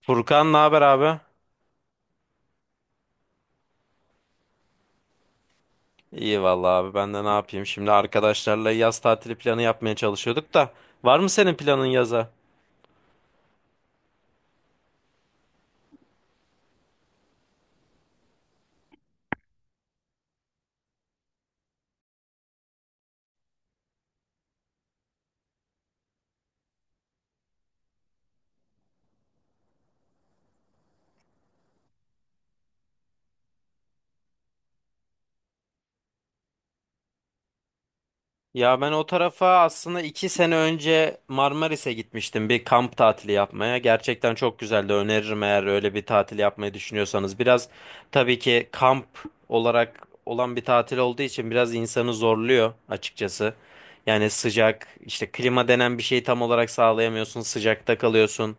Furkan, ne haber abi? İyi vallahi abi, ben de ne yapayım? Şimdi arkadaşlarla yaz tatili planı yapmaya çalışıyorduk da var mı senin planın yaza? Ya ben o tarafa aslında iki sene önce Marmaris'e gitmiştim bir kamp tatili yapmaya. Gerçekten çok güzeldi. Öneririm eğer öyle bir tatil yapmayı düşünüyorsanız. Biraz tabii ki kamp olarak olan bir tatil olduğu için biraz insanı zorluyor açıkçası. Yani sıcak, işte klima denen bir şeyi tam olarak sağlayamıyorsun. Sıcakta kalıyorsun.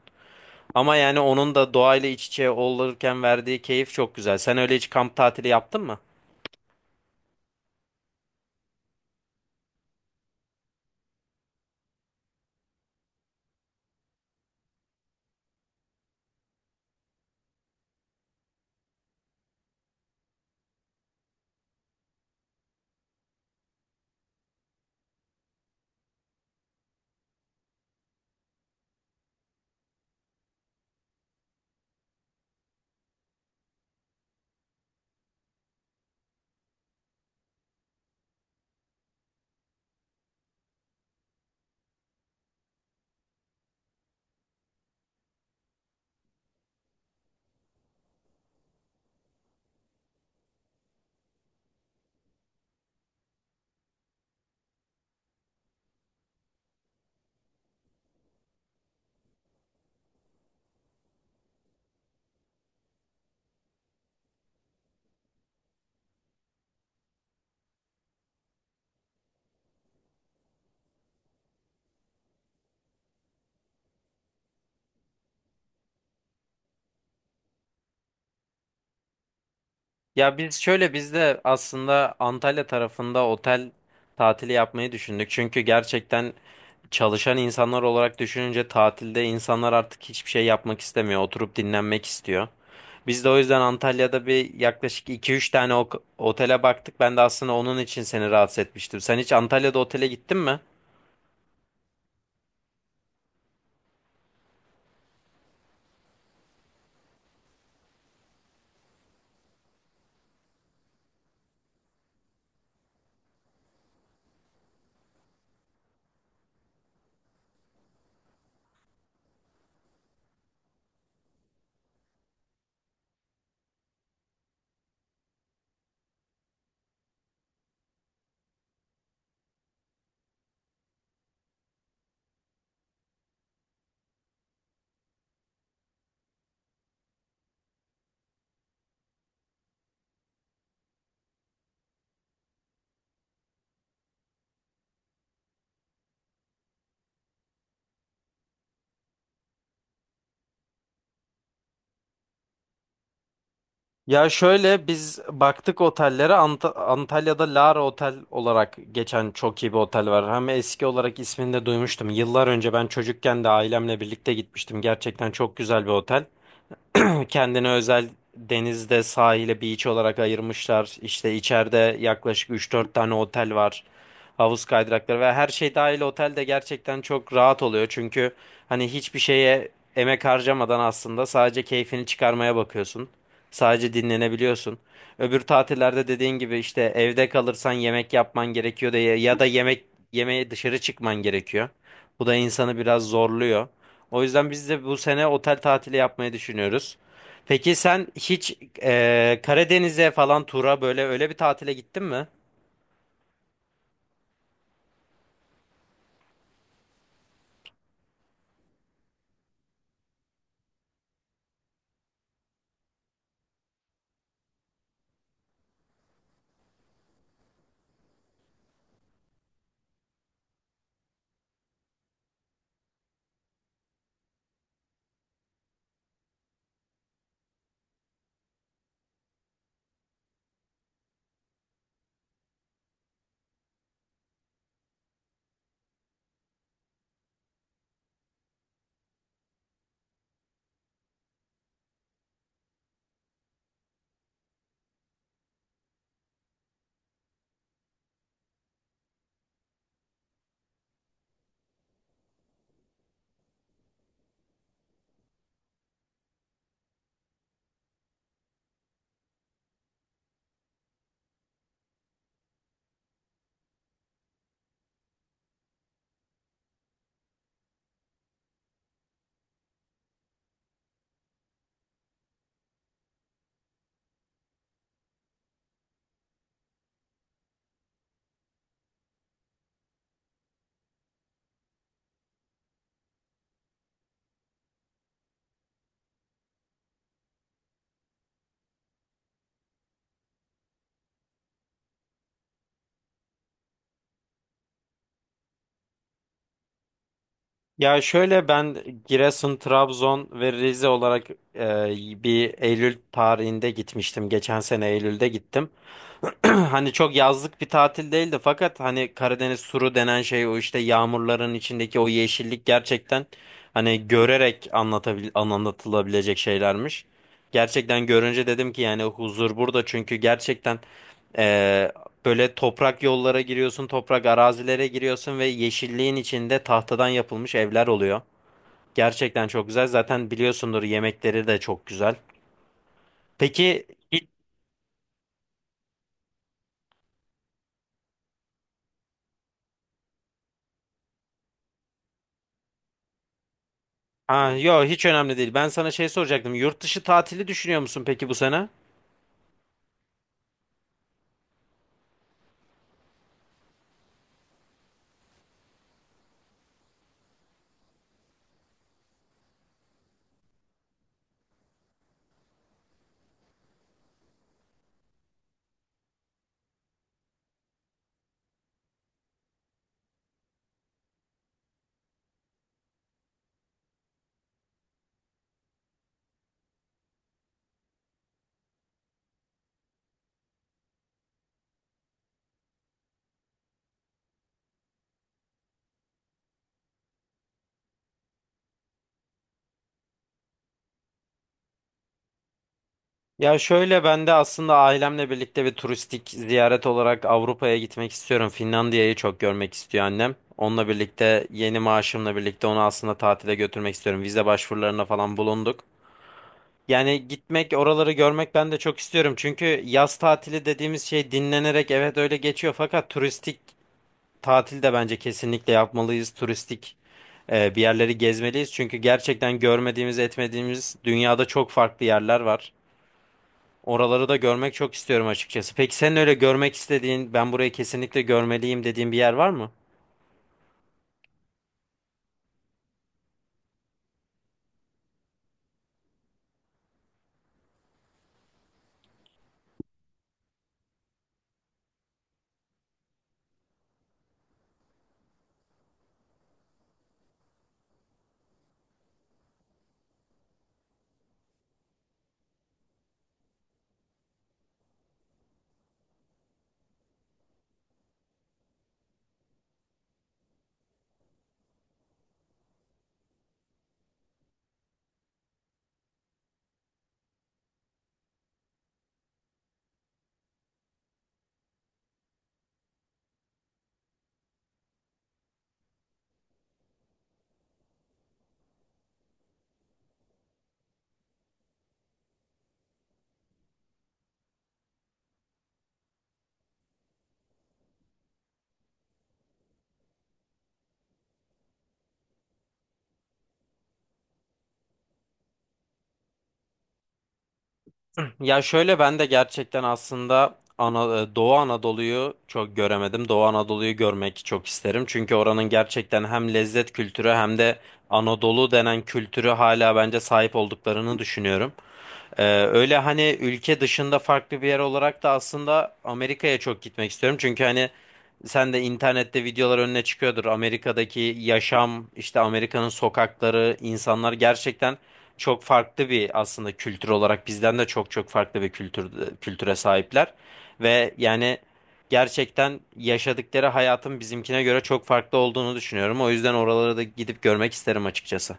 Ama yani onun da doğayla iç içe olurken verdiği keyif çok güzel. Sen öyle hiç kamp tatili yaptın mı? Ya biz şöyle biz de aslında Antalya tarafında otel tatili yapmayı düşündük. Çünkü gerçekten çalışan insanlar olarak düşününce tatilde insanlar artık hiçbir şey yapmak istemiyor. Oturup dinlenmek istiyor. Biz de o yüzden Antalya'da bir yaklaşık iki üç tane otele baktık. Ben de aslında onun için seni rahatsız etmiştim. Sen hiç Antalya'da otele gittin mi? Ya şöyle biz baktık otellere Antalya'da Lara Otel olarak geçen çok iyi bir otel var. Hem eski olarak ismini de duymuştum. Yıllar önce ben çocukken de ailemle birlikte gitmiştim. Gerçekten çok güzel bir otel. Kendine özel denizde sahile beach olarak ayırmışlar. İşte içeride yaklaşık üç dört tane otel var. Havuz kaydırakları ve her şey dahil otel de gerçekten çok rahat oluyor. Çünkü hani hiçbir şeye emek harcamadan aslında sadece keyfini çıkarmaya bakıyorsun. Sadece dinlenebiliyorsun. Öbür tatillerde dediğin gibi işte evde kalırsan yemek yapman gerekiyor da ya ya da yemek yemeye dışarı çıkman gerekiyor. Bu da insanı biraz zorluyor. O yüzden biz de bu sene otel tatili yapmayı düşünüyoruz. Peki sen hiç Karadeniz'e falan tura böyle öyle bir tatile gittin mi? Ya şöyle ben Giresun, Trabzon ve Rize olarak e, bir Eylül tarihinde gitmiştim. Geçen sene Eylül'de gittim. Hani çok yazlık bir tatil değildi, fakat hani Karadeniz turu denen şey o işte yağmurların içindeki o yeşillik gerçekten hani görerek anlatılabilecek şeylermiş. Gerçekten görünce dedim ki yani huzur burada, çünkü gerçekten Ee, böyle toprak yollara giriyorsun, toprak arazilere giriyorsun ve yeşilliğin içinde tahtadan yapılmış evler oluyor. Gerçekten çok güzel. Zaten biliyorsundur, yemekleri de çok güzel. Peki hiç, ha, yo, hiç önemli değil. Ben sana şey soracaktım. Yurt dışı tatili düşünüyor musun peki bu sene? Ya şöyle ben de aslında ailemle birlikte bir turistik ziyaret olarak Avrupa'ya gitmek istiyorum. Finlandiya'yı çok görmek istiyor annem. Onunla birlikte yeni maaşımla birlikte onu aslında tatile götürmek istiyorum. Vize başvurularına falan bulunduk. Yani gitmek, oraları görmek ben de çok istiyorum. Çünkü yaz tatili dediğimiz şey dinlenerek evet öyle geçiyor. Fakat turistik tatil de bence kesinlikle yapmalıyız. Turistik bir yerleri gezmeliyiz. Çünkü gerçekten görmediğimiz, etmediğimiz dünyada çok farklı yerler var. Oraları da görmek çok istiyorum açıkçası. Peki sen öyle görmek istediğin, ben burayı kesinlikle görmeliyim dediğin bir yer var mı? Ya şöyle ben de gerçekten aslında Doğu Anadolu'yu çok göremedim. Doğu Anadolu'yu görmek çok isterim. Çünkü oranın gerçekten hem lezzet kültürü hem de Anadolu denen kültürü hala bence sahip olduklarını düşünüyorum. Öyle hani ülke dışında farklı bir yer olarak da aslında Amerika'ya çok gitmek istiyorum. Çünkü hani sen de internette videolar önüne çıkıyordur. Amerika'daki yaşam, işte Amerika'nın sokakları, insanlar gerçekten çok farklı bir aslında kültür olarak bizden de çok çok farklı bir kültüre sahipler. Ve yani gerçekten yaşadıkları hayatın bizimkine göre çok farklı olduğunu düşünüyorum. O yüzden oralara da gidip görmek isterim açıkçası.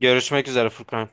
Görüşmek üzere Furkan.